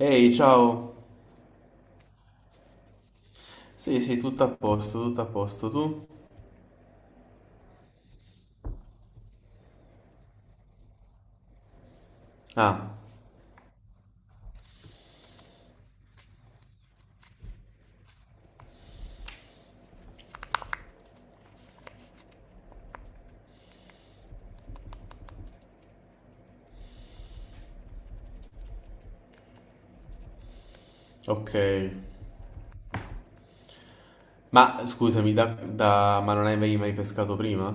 Ehi, ciao. Sì, sì, tutto a posto, tutto a posto. Tu? Ah, ok. Ma scusami, ma non avevi mai pescato prima?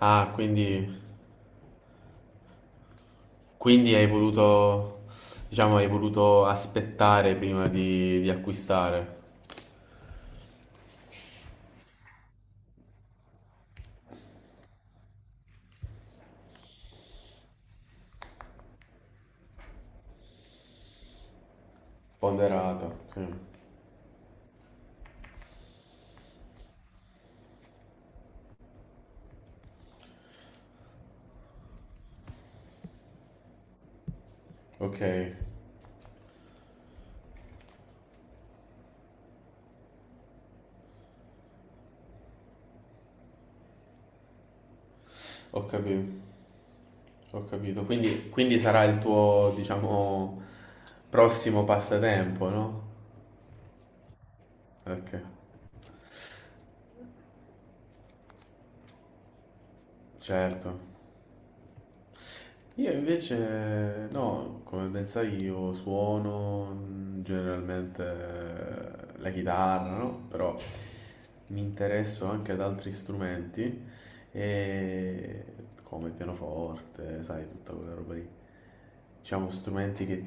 Ah, quindi diciamo, hai voluto aspettare prima di acquistare. Ponderata, sì. Ok, ho capito. Ho capito. Quindi sarà il tuo, diciamo, prossimo passatempo, no? Ok, certo. Io invece, no, come ben sai, io suono generalmente la chitarra, no? Però mi interesso anche ad altri strumenti, e come il pianoforte, sai, tutta quella roba lì. Diciamo, strumenti che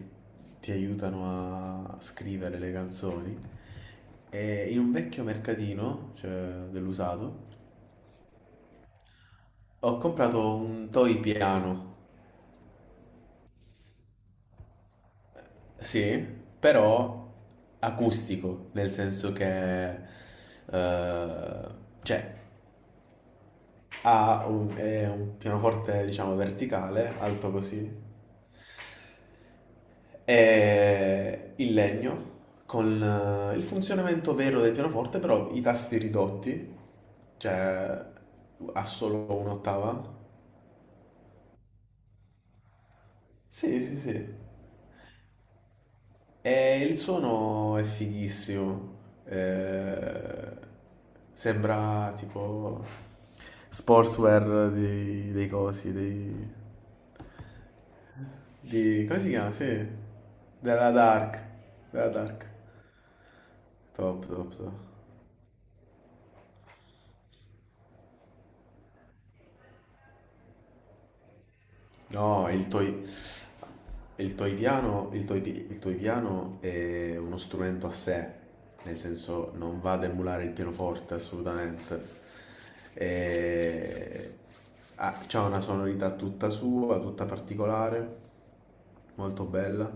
ti aiutano a scrivere le canzoni. E in un vecchio mercatino, cioè dell'usato, ho comprato un toy piano. Sì, però acustico, nel senso che eh, cioè è un pianoforte diciamo verticale, alto così, e il legno con il funzionamento vero del pianoforte, però i tasti ridotti, cioè ha solo un'ottava. Sì, sì, sì. E il suono è fighissimo, eh, sembra tipo sportswear dei cosi, come si chiama? Sì, della Dark, della Dark, top, top, top. No, il toy piano, il toy, pi- Il toy piano è uno strumento a sé, nel senso non va ad emulare il pianoforte assolutamente. E... ha c'ha una sonorità tutta sua, tutta particolare, molto bella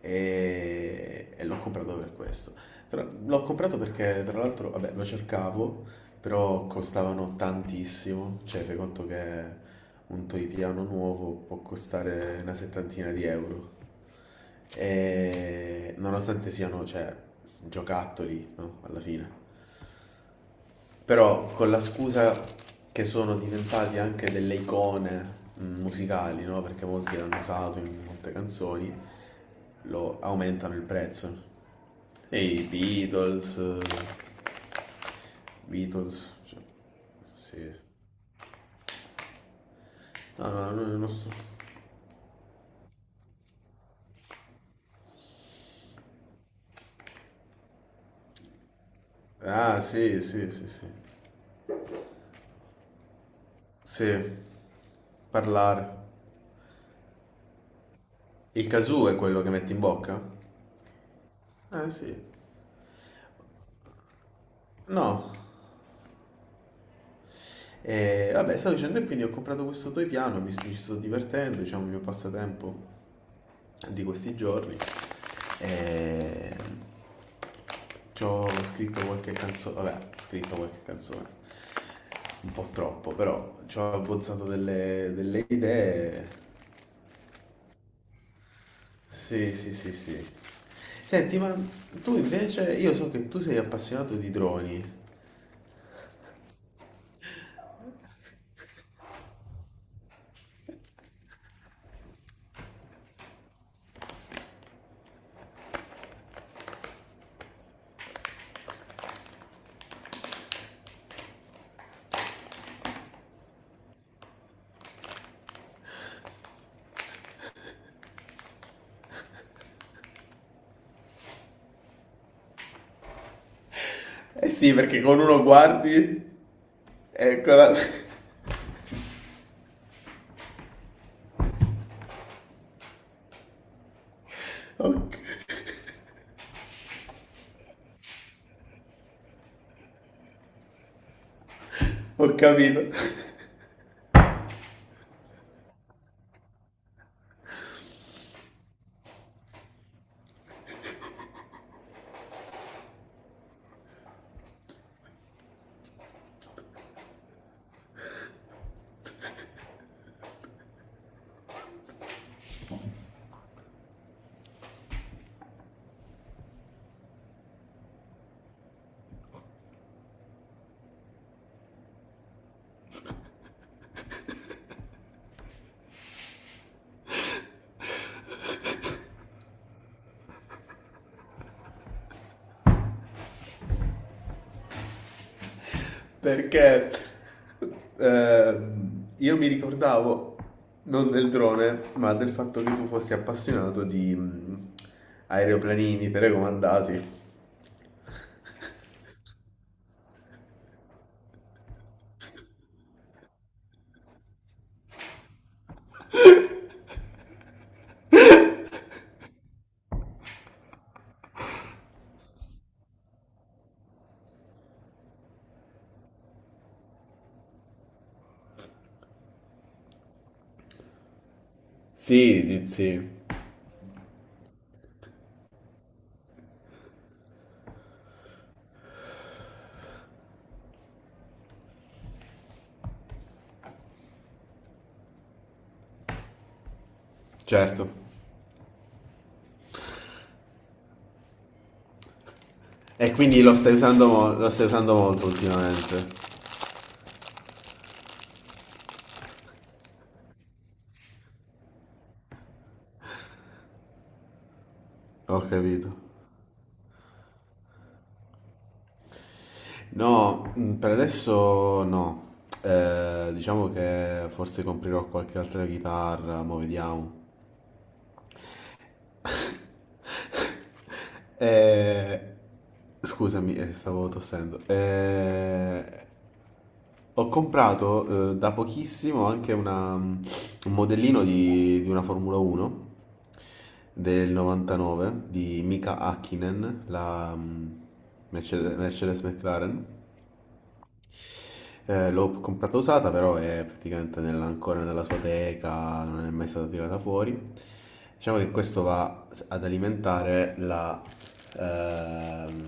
e l'ho comprato per questo. L'ho comprato perché tra l'altro, vabbè, lo cercavo, però costavano tantissimo, cioè fai conto che un toy piano nuovo può costare una settantina di euro. E nonostante siano, cioè, giocattoli, no? Alla fine. Però con la scusa che sono diventati anche delle icone musicali, no? Perché molti l'hanno usato in molte canzoni, lo aumentano il prezzo. E i Beatles, Beatles, cioè, sì. Sì. No, no, no, non sto. Ah, sì, sì, sì, sì. Sì, parlare. Il casù è quello che metti in bocca? Eh sì. No. E vabbè, stavo dicendo e quindi ho comprato questo toy piano, ci sto divertendo, diciamo, il mio passatempo di questi giorni. E... Ci ho scritto qualche canzone, vabbè, ho scritto qualche canzone, un po' troppo, però ci ho abbozzato delle idee. Sì, sì, sì, sì. Senti, ma tu invece, io so che tu sei appassionato di droni. Eh sì, perché con uno guardi, eccola, ho, ho capito, perché io mi ricordavo non del drone, ma del fatto che tu fossi appassionato di aeroplanini telecomandati. Sì, sì, certo. E quindi lo stai usando, lo stai usando molto ultimamente. Ho capito. No, per adesso no. Diciamo che forse comprerò qualche altra chitarra, ma vediamo. Eh, scusami, stavo tossendo. Ho comprato da pochissimo anche un modellino di una Formula 1 del 99 di Mika Hakkinen, la Mercedes McLaren. L'ho comprata usata, però è praticamente ancora nella sua teca, non è mai stata tirata fuori. Diciamo che questo va ad alimentare ehm,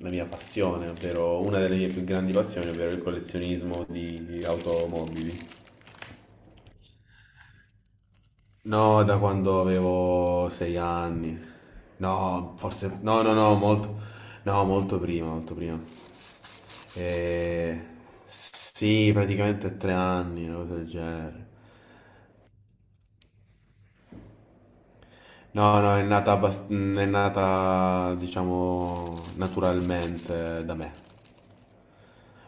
la mia passione, ovvero una delle mie più grandi passioni, ovvero il collezionismo di automobili. No, da quando avevo 6 anni. No, forse. No, no, no, molto. No, molto prima, molto prima. Eh, sì, praticamente 3 anni, una cosa del genere. No, no, è nata, diciamo, naturalmente da me.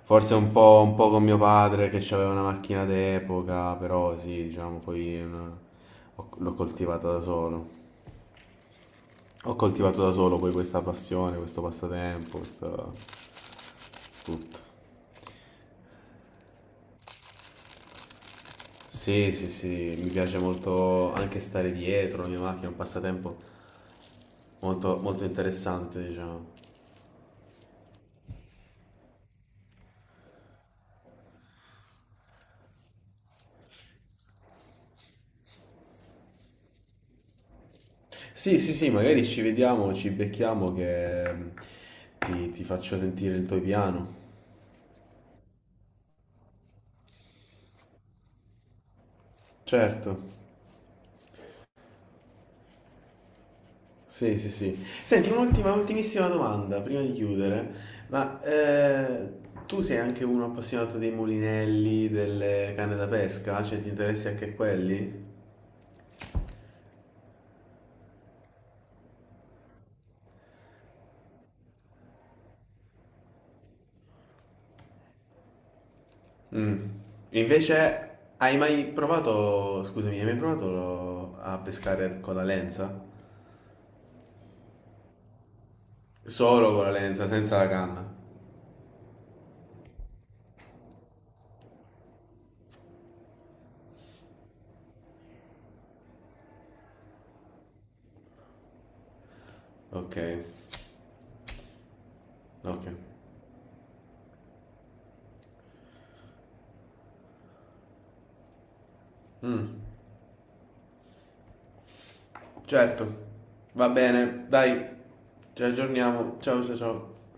Forse un po' con mio padre che aveva una macchina d'epoca, però sì, diciamo, poi l'ho coltivata da solo. Ho coltivato da solo poi questa passione, questo passatempo, questo tutto. Sì, sì, sì, mi piace molto anche stare dietro la mia macchina, è un passatempo molto, molto interessante, diciamo. Sì, sì, sì, magari ci vediamo, ci becchiamo che ti faccio sentire il tuo piano. Certo, sì, sì, sì. Senti, ultimissima domanda prima di chiudere. Ma tu sei anche uno appassionato dei mulinelli, delle canne da pesca? Cioè, ti interessi anche quelli? Mm. Invece, hai mai provato, scusami, hai mai provato a pescare con la lenza? Solo con la lenza, senza la canna. Ok, ok. Certo, va bene, dai, ci aggiorniamo. Ciao, ciao, ciao.